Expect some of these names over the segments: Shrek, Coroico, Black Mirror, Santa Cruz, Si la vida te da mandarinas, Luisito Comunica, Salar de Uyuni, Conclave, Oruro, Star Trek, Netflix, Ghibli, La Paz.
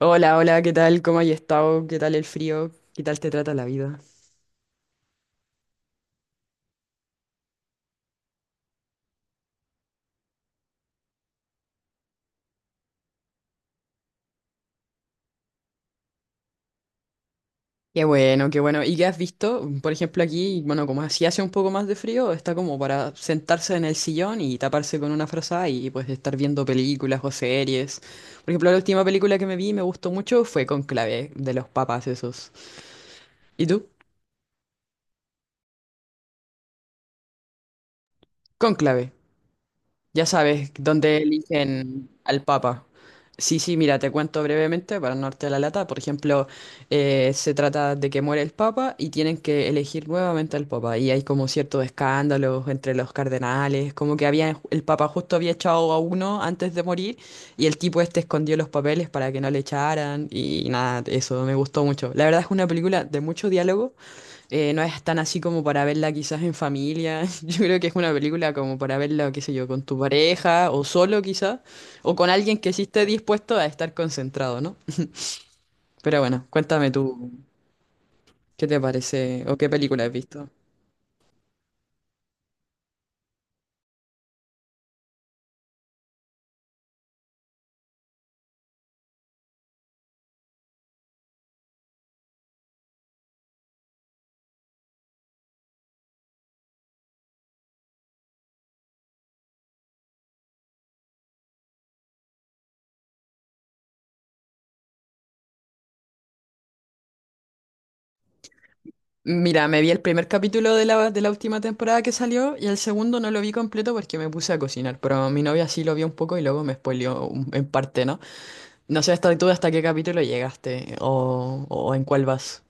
Hola, hola, ¿qué tal? ¿Cómo has estado? ¿Qué tal el frío? ¿Qué tal te trata la vida? Qué bueno, qué bueno. ¿Y qué has visto? Por ejemplo, aquí, bueno, como así hace un poco más de frío, está como para sentarse en el sillón y taparse con una frazada y pues estar viendo películas o series. Por ejemplo, la última película que me vi y me gustó mucho fue Conclave, de los papas esos. ¿Y tú? Conclave. Ya sabes, dónde eligen al Papa. Sí, sí, mira, te cuento brevemente para no darte la lata. Por ejemplo, se trata de que muere el Papa y tienen que elegir nuevamente al Papa. Y hay como ciertos escándalos entre los cardenales, como que había, el Papa justo había echado a uno antes de morir y el tipo este escondió los papeles para que no le echaran. Y nada, eso me gustó mucho. La verdad es una película de mucho diálogo. No es tan así como para verla quizás en familia. Yo creo que es una película como para verla, qué sé yo, con tu pareja o solo quizás, o con alguien que sí esté dispuesto a estar concentrado, ¿no? Pero bueno, cuéntame tú, ¿qué te parece o qué película has visto? Mira, me vi el primer capítulo de la última temporada que salió y el segundo no lo vi completo porque me puse a cocinar, pero mi novia sí lo vio un poco y luego me spoileó en parte, ¿no? No sé hasta tú hasta qué capítulo llegaste o en cuál vas.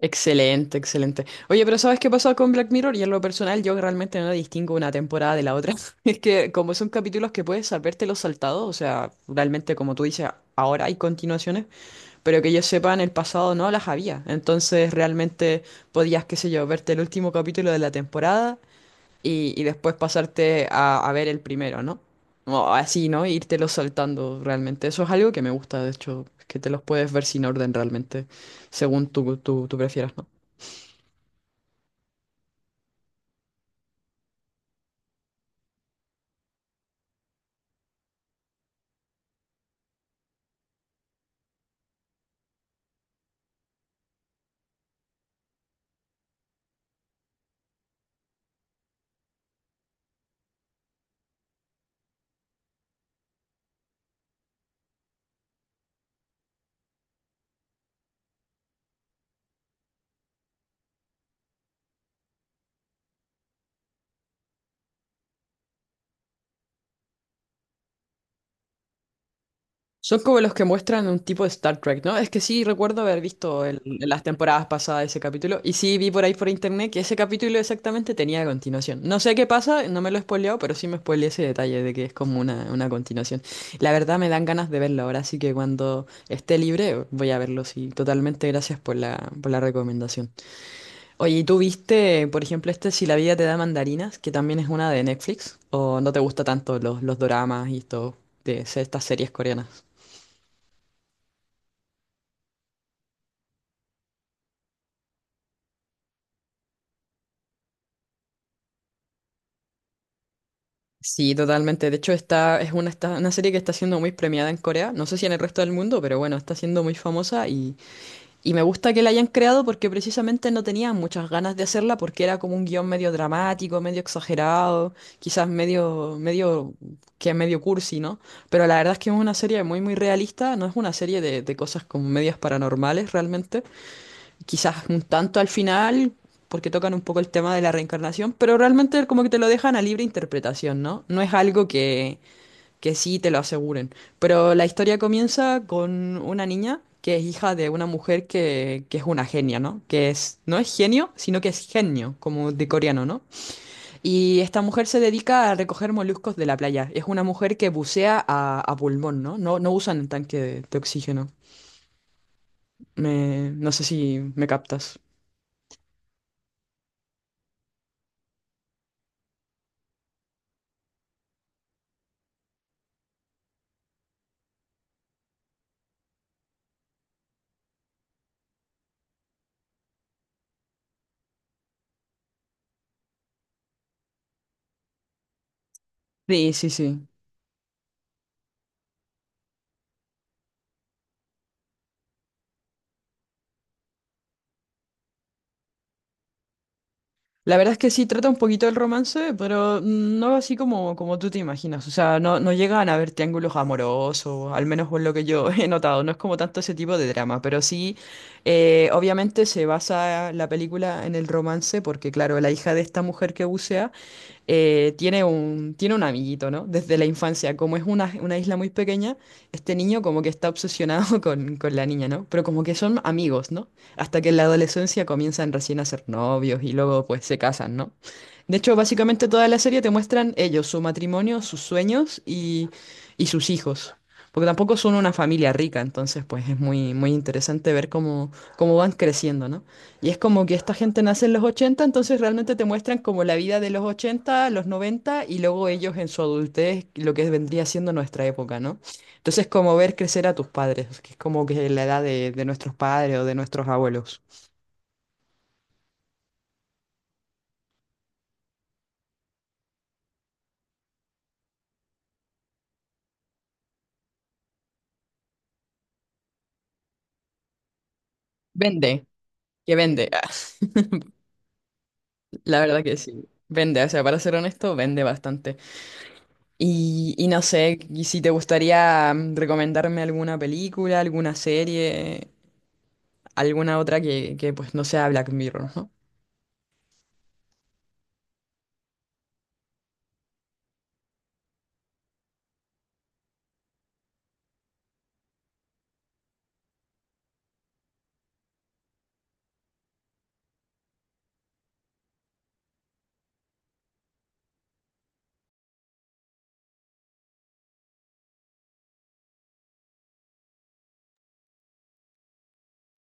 Excelente, excelente. Oye, pero ¿sabes qué pasó con Black Mirror? Y en lo personal yo realmente no distingo una temporada de la otra. Es que como son capítulos que puedes saberte los saltados, o sea, realmente como tú dices, ahora hay continuaciones, pero que yo sepa en el pasado no las había. Entonces realmente podías, qué sé yo, verte el último capítulo de la temporada y después pasarte a ver el primero, ¿no? O así, ¿no? Los saltando realmente. Eso es algo que me gusta, de hecho, que te los puedes ver sin orden realmente, según tú prefieras, ¿no? Son como los que muestran un tipo de Star Trek, ¿no? Es que sí recuerdo haber visto las temporadas pasadas ese capítulo y sí vi por ahí por internet que ese capítulo exactamente tenía continuación. No sé qué pasa, no me lo he spoileado, pero sí me spoileé ese detalle de que es como una continuación. La verdad me dan ganas de verlo ahora, así que cuando esté libre voy a verlo, sí. Totalmente, gracias por la recomendación. Oye, ¿y tú viste, por ejemplo, este Si la vida te da mandarinas, que también es una de Netflix? ¿O no te gusta tanto los doramas y todo de estas series coreanas? Sí, totalmente. De hecho, esta es una serie que está siendo muy premiada en Corea. No sé si en el resto del mundo, pero bueno, está siendo muy famosa y me gusta que la hayan creado porque precisamente no tenían muchas ganas de hacerla porque era como un guión medio dramático, medio exagerado, quizás medio cursi, ¿no? Pero la verdad es que es una serie muy, muy realista, no es una serie de cosas como medias paranormales realmente, quizás un tanto al final, porque tocan un poco el tema de la reencarnación, pero realmente como que te lo dejan a libre interpretación, ¿no? No es algo que sí te lo aseguren. Pero la historia comienza con una niña que es hija de una mujer que es una genia, ¿no? Que es, no es genio, sino que es genio, como de coreano, ¿no? Y esta mujer se dedica a recoger moluscos de la playa. Es una mujer que bucea a pulmón, ¿no? No, no usan el tanque de oxígeno. No sé si me captas. Sí, sí, sí. La verdad es que sí, trata un poquito del romance, pero no así como tú te imaginas. O sea, no, no llegan a haber triángulos amorosos, al menos por lo que yo he notado. No es como tanto ese tipo de drama, pero sí, obviamente se basa la película en el romance, porque claro, la hija de esta mujer que bucea tiene un amiguito, ¿no? Desde la infancia, como es una isla muy pequeña, este niño como que está obsesionado con la niña, ¿no? Pero como que son amigos, ¿no? Hasta que en la adolescencia comienzan recién a ser novios y luego pues se casan, ¿no? De hecho, básicamente toda la serie te muestran ellos, su matrimonio, sus sueños y sus hijos. Porque tampoco son una familia rica, entonces pues es muy, muy interesante ver cómo van creciendo, ¿no? Y es como que esta gente nace en los ochenta, entonces realmente te muestran como la vida de los 80 los 90 y luego ellos en su adultez, lo que vendría siendo nuestra época, ¿no? Entonces, como ver crecer a tus padres, que es como que la edad de nuestros padres o de nuestros abuelos. Vende, que vende. Ah, la verdad que sí. Vende, o sea, para ser honesto, vende bastante. Y no sé, y si te gustaría recomendarme alguna película, alguna serie, alguna otra que, pues no sea Black Mirror, ¿no?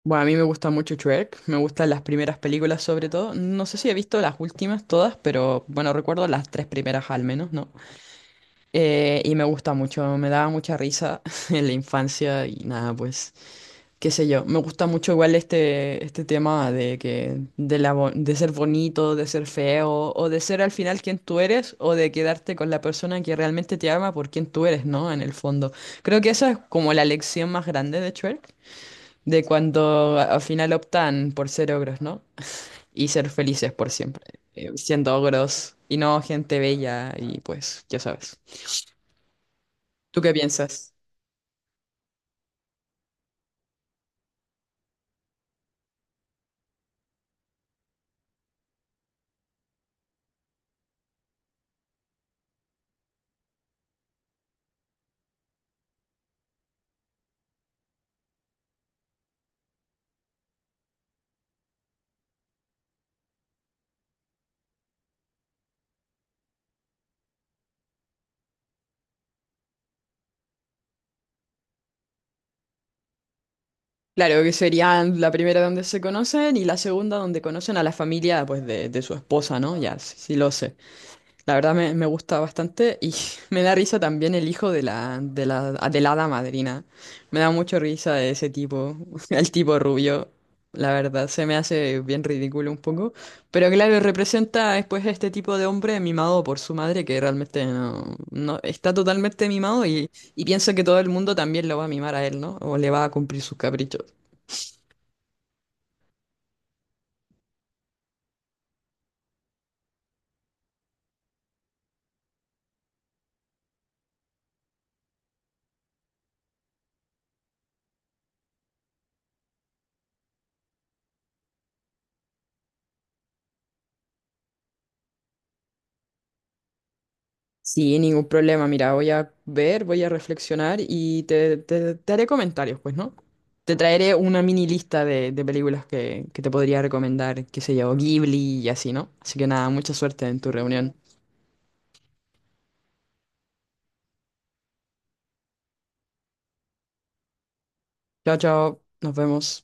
Bueno, a mí me gusta mucho Shrek, me gustan las primeras películas sobre todo. No sé si he visto las últimas todas, pero bueno, recuerdo las tres primeras al menos, ¿no? Y me gusta mucho, me daba mucha risa en la infancia y nada, pues, qué sé yo. Me gusta mucho igual este tema de que, de la, bo- de ser bonito, de ser feo, o de ser al final quien tú eres, o de quedarte con la persona que realmente te ama por quien tú eres, ¿no? En el fondo. Creo que esa es como la lección más grande de Shrek, de cuando al final optan por ser ogros, ¿no? Y ser felices por siempre, siendo ogros y no gente bella y pues, ya sabes. ¿Tú qué piensas? Claro, que serían la primera donde se conocen y la segunda donde conocen a la familia pues de su esposa, ¿no? Ya, sí, sí lo sé. La verdad me gusta bastante y me da risa también el hijo de la hada madrina. Me da mucho risa ese tipo, el tipo rubio. La verdad, se me hace bien ridículo un poco. Pero claro, representa después este tipo de hombre mimado por su madre que realmente no, no está totalmente mimado y piensa que todo el mundo también lo va a mimar a él, ¿no? O le va a cumplir sus caprichos. Sí, ningún problema. Mira, voy a ver, voy a reflexionar y te haré comentarios, pues, ¿no? Te traeré una mini lista de películas que te podría recomendar, qué sé yo, Ghibli y así, ¿no? Así que nada, mucha suerte en tu reunión. Chao, chao, nos vemos.